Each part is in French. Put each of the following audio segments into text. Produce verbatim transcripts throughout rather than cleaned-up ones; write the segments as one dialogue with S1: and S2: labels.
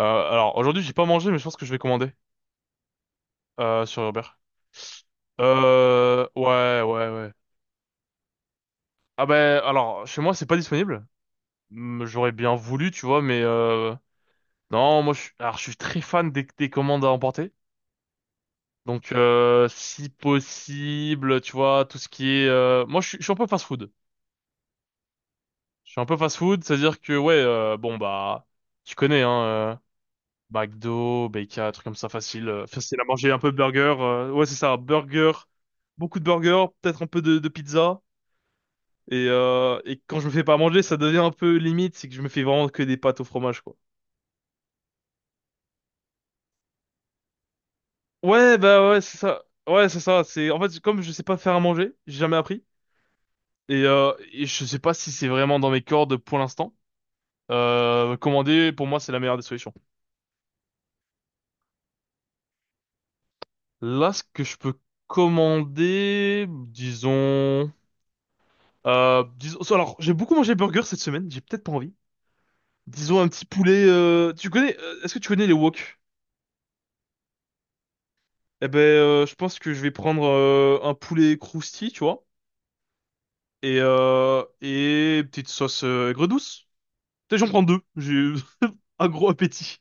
S1: Euh, alors aujourd'hui j'ai pas mangé mais je pense que je vais commander euh, sur Uber. Euh, ouais ouais ouais. Ah ben alors chez moi c'est pas disponible. Hmm, j'aurais bien voulu tu vois mais euh, non moi je suis alors je suis très fan des, des commandes à emporter. Donc euh, si possible tu vois tout ce qui est euh, moi je suis, je suis un peu fast food. Je suis un peu fast food c'est à dire que ouais euh, bon bah tu connais hein euh, McDo, B K, un truc comme ça, facile. Euh, facile à manger, un peu de burger. Euh, ouais, c'est ça, burger, beaucoup de burger, peut-être un peu de, de pizza. Et, euh, et quand je me fais pas manger, ça devient un peu limite, c'est que je me fais vraiment que des pâtes au fromage, quoi. Ouais, bah ouais, c'est ça. Ouais, c'est ça. C'est en fait comme je sais pas faire à manger, j'ai jamais appris et, euh, et je sais pas si c'est vraiment dans mes cordes pour l'instant. Euh, commander pour moi c'est la meilleure des solutions. Là, ce que je peux commander, disons, Euh, disons, so, alors, j'ai beaucoup mangé burger cette semaine, j'ai peut-être pas envie. Disons un petit poulet. Euh, tu connais, euh, est-ce que tu connais les wok? Eh ben, euh, je pense que je vais prendre euh, un poulet croustille, tu vois, et euh, et petite sauce euh, aigre douce. Peut-être j'en prends deux. J'ai eu un gros appétit.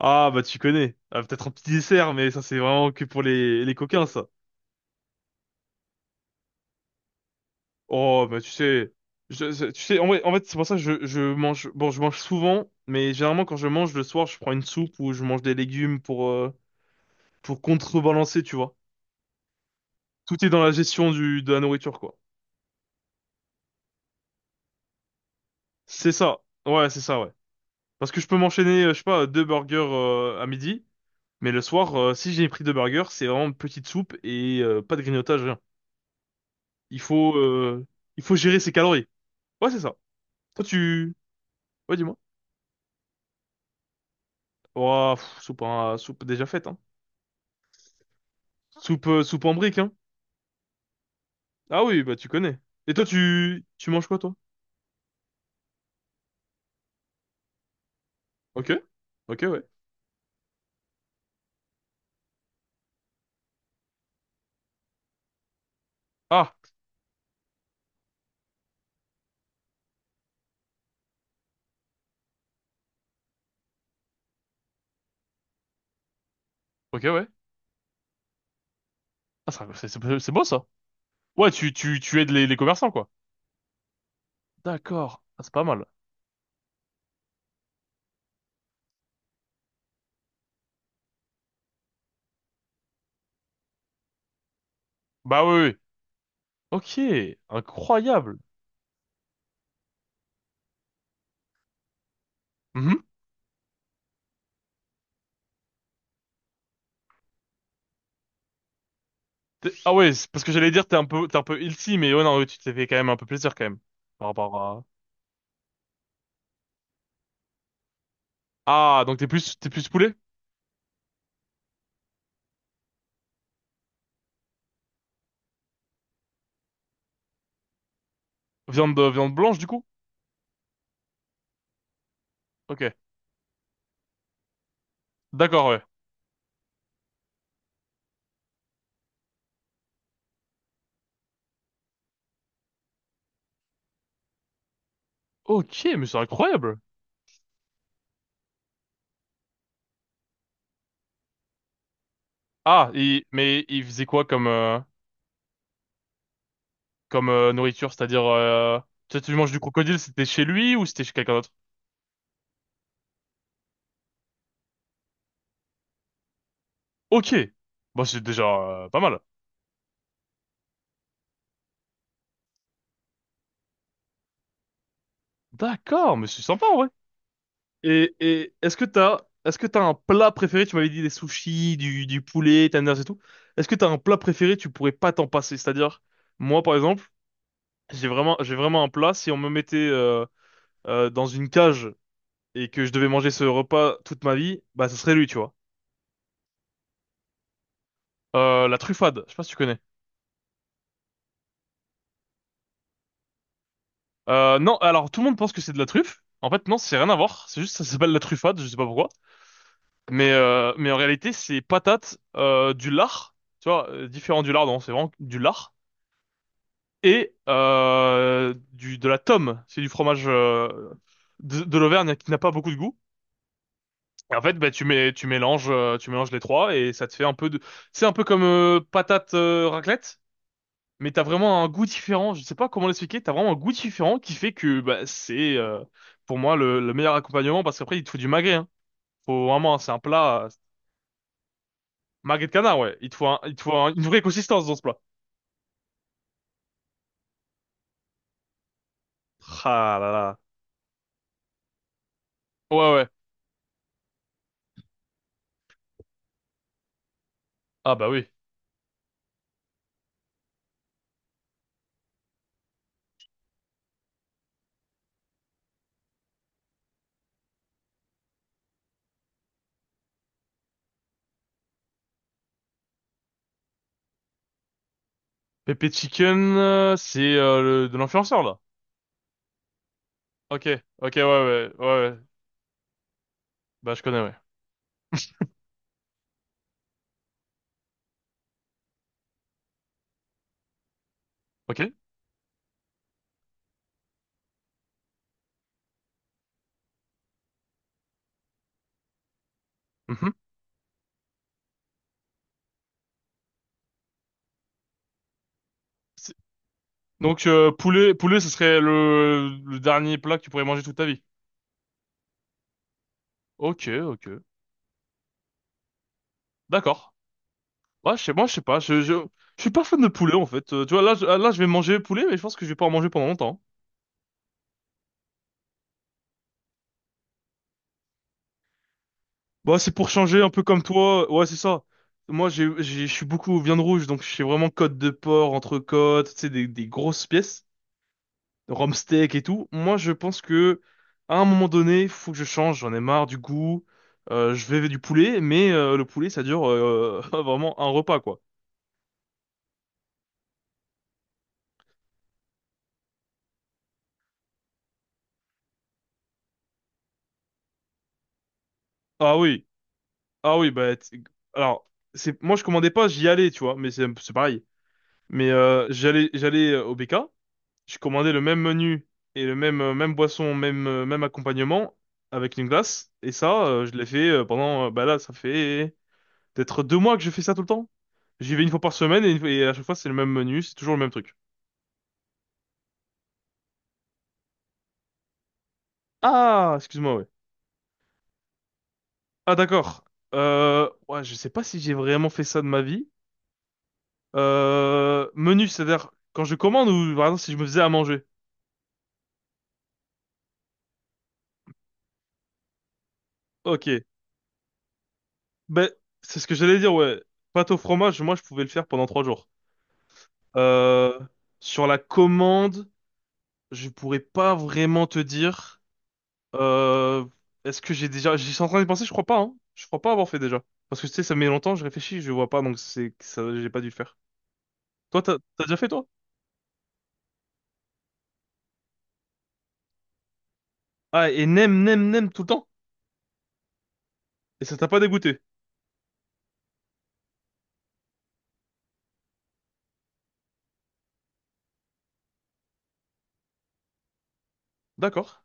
S1: Ah bah tu connais. Ah, peut-être un petit dessert, mais ça c'est vraiment que pour les les coquins ça. Oh bah tu sais, je- je- tu sais en vrai- en fait c'est pour ça que je je mange. Bon, je mange souvent, mais généralement quand je mange le soir, je prends une soupe ou je mange des légumes pour euh, pour contrebalancer, tu vois. Tout est dans la gestion du, de la nourriture, quoi. C'est ça. Ouais, c'est ça, ouais. Parce que je peux m'enchaîner, euh, je sais pas, deux burgers euh, à midi, mais le soir, euh, si j'ai pris deux burgers, c'est vraiment une petite soupe et euh, pas de grignotage, rien. Il faut, euh, il faut gérer ses calories. Ouais, c'est ça. Toi, tu... Ouais, dis-moi. Oh, pff, soupe, en- soupe déjà faite, hein. Soupe, euh, soupe en brique, hein. Ah oui, bah tu connais. Et toi, tu, tu manges quoi, toi? Ok. Ok, ouais. Ah, ok, ouais. Ah, ça- c'est c'est- c'est beau, ça. Ouais, tu, tu, tu aides les, les commerçants, quoi. D'accord. Ah, c'est pas mal. Bah oui, oui. Ok, incroyable. Mhm. T'es- Ah ouais, c'est parce que j'allais dire t'es un peu t'es un peu ilty, mais ouais non, ouais, tu t'es fait quand même un peu plaisir quand même. Par rapport à... Ah, donc t'es plus t'es plus poulet? Viande euh, viande blanche du coup? Ok. D'accord, ouais. Ok, mais c'est incroyable. Ah, et- mais il faisait quoi comme euh, comme euh, nourriture? C'est-à-dire euh, tu tu manges du crocodile, c'était chez lui ou c'était chez quelqu'un d'autre? Ok. Bah c'est déjà euh, pas mal. D'accord, mais c'est sympa ouais. Et, et est-ce que t'as, est-ce que t'as un plat préféré? Tu m'avais dit des sushis, du, du poulet, tenders et tout. Est-ce que t'as un plat préféré? Tu pourrais pas t'en passer. C'est-à-dire, moi, par exemple, j'ai vraiment, j'ai vraiment un plat. Si on me mettait euh, euh, dans une cage et que je devais manger ce repas toute ma vie, bah, ce serait lui, tu vois. Euh, la truffade. Je sais pas si tu connais. Euh, non, alors tout le monde pense que c'est de la truffe. En fait, non, c'est rien à voir. C'est juste, ça s'appelle la truffade. Je sais pas pourquoi. Mais, euh, mais en réalité, c'est patate, euh, du lard. Tu vois, euh, différent du lard, non, c'est vraiment du lard et euh, du de la tome, c'est du fromage euh, de, de l'Auvergne qui n'a pas beaucoup de goût. Et en fait, bah, tu mets tu mélanges euh, tu mélanges les trois et ça te fait un peu de c'est un peu comme euh, patate euh, raclette, mais t'as vraiment un goût différent. Je sais pas comment l'expliquer, t'as vraiment un goût différent qui fait que bah, c'est euh, pour moi le, le meilleur accompagnement parce qu'après il te faut du magret. Hein. Faut vraiment c'est un plat euh, magret de canard ouais. Il te faut un- il te faut un- Une vraie consistance dans ce plat. Ah là là. Ouais ouais. Ah bah oui. Pepe Chicken, euh, c'est euh, le- de l'influenceur là. Ok, ok, ouais, ouais, ouais, ouais. Bah je connais, ouais. Ok. Mhm. C'est- Donc euh, poulet, poulet, ce serait le, le dernier plat que tu pourrais manger toute ta vie. Ok, ok. D'accord. Ouais, chez moi, je sais pas. Je, je, je suis pas fan de poulet en fait. Euh, tu vois, là, je, là, je vais manger poulet, mais je pense que je vais pas en manger pendant longtemps. Bah c'est pour changer, un peu comme toi. Ouais, c'est ça. Moi, j'ai, j'ai- je suis beaucoup viande rouge, donc je suis vraiment côte de porc, entrecôte, tu sais, des, des grosses pièces. Rhum steak et tout. Moi, je pense que à un moment donné, faut que je change. J'en ai marre du goût. Euh, je vais du poulet, mais euh, le poulet, ça dure euh, vraiment un repas, quoi. Ah oui, ah oui, bah t- alors c'est moi je commandais pas, j'y allais, tu vois, mais c'est c'est pareil. Mais euh, j'allais j'allais euh, au B K, je commandais le même menu et le même euh, même boisson, même euh, même accompagnement avec une glace et ça euh, je l'ai fait euh, pendant euh, bah là ça fait peut-être deux mois que je fais ça tout le temps. J'y vais une fois par semaine et, une fois- et à chaque fois c'est le même menu, c'est toujours le même truc. Ah, excuse-moi, ouais. Ah, d'accord. Euh, ouais, je sais pas si j'ai vraiment fait ça de ma vie. Euh, menu, c'est-à-dire quand je commande ou par exemple si je me faisais à manger. Ok. Ben, c'est ce que j'allais dire, ouais. Pâte au fromage, moi je pouvais le faire pendant trois jours. Euh, Sur la commande, je pourrais pas vraiment te dire. Euh, Est-ce que j'ai déjà... J'y suis en train de penser, je crois pas, hein. Je crois pas avoir fait déjà. Parce que tu sais, ça met longtemps, je réfléchis, je vois pas, donc c'est que ça, j'ai pas dû le faire. Toi, t'as t'as déjà fait, toi? Ah, et nem, nem, nem tout le temps? Et ça t'a pas dégoûté? D'accord.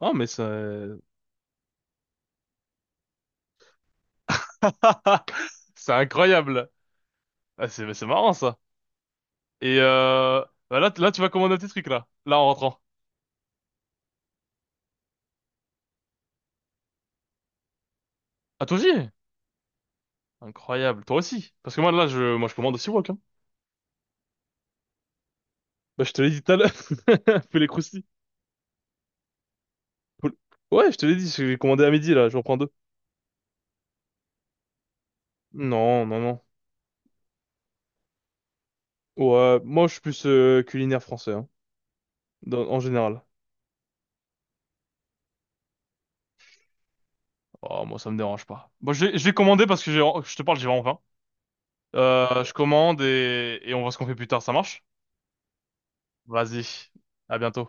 S1: Ah, mais ça... c'est incroyable! Ah, c'est c'est marrant, ça. Et euh... bah là, t- là, tu vas commander tes trucs, là. Là, en rentrant. Ah, toi aussi? Incroyable. Toi aussi. Parce que moi, là, je, moi, je commande aussi wok, hein. Bah, je te l'ai dit tout à l'heure. Fais les croustilles. Ouais, je te l'ai dit, j'ai commandé à midi, là, je reprends deux. Non, non, non. Ouais, moi je suis plus euh, culinaire français, hein, dans- en général. Oh, moi ça me dérange pas. Bon, je vais, je vais commander parce que j'ai, je te parle, j'ai vraiment faim. Euh, je commande et, et on voit ce qu'on fait plus tard, ça marche? Vas-y, à bientôt.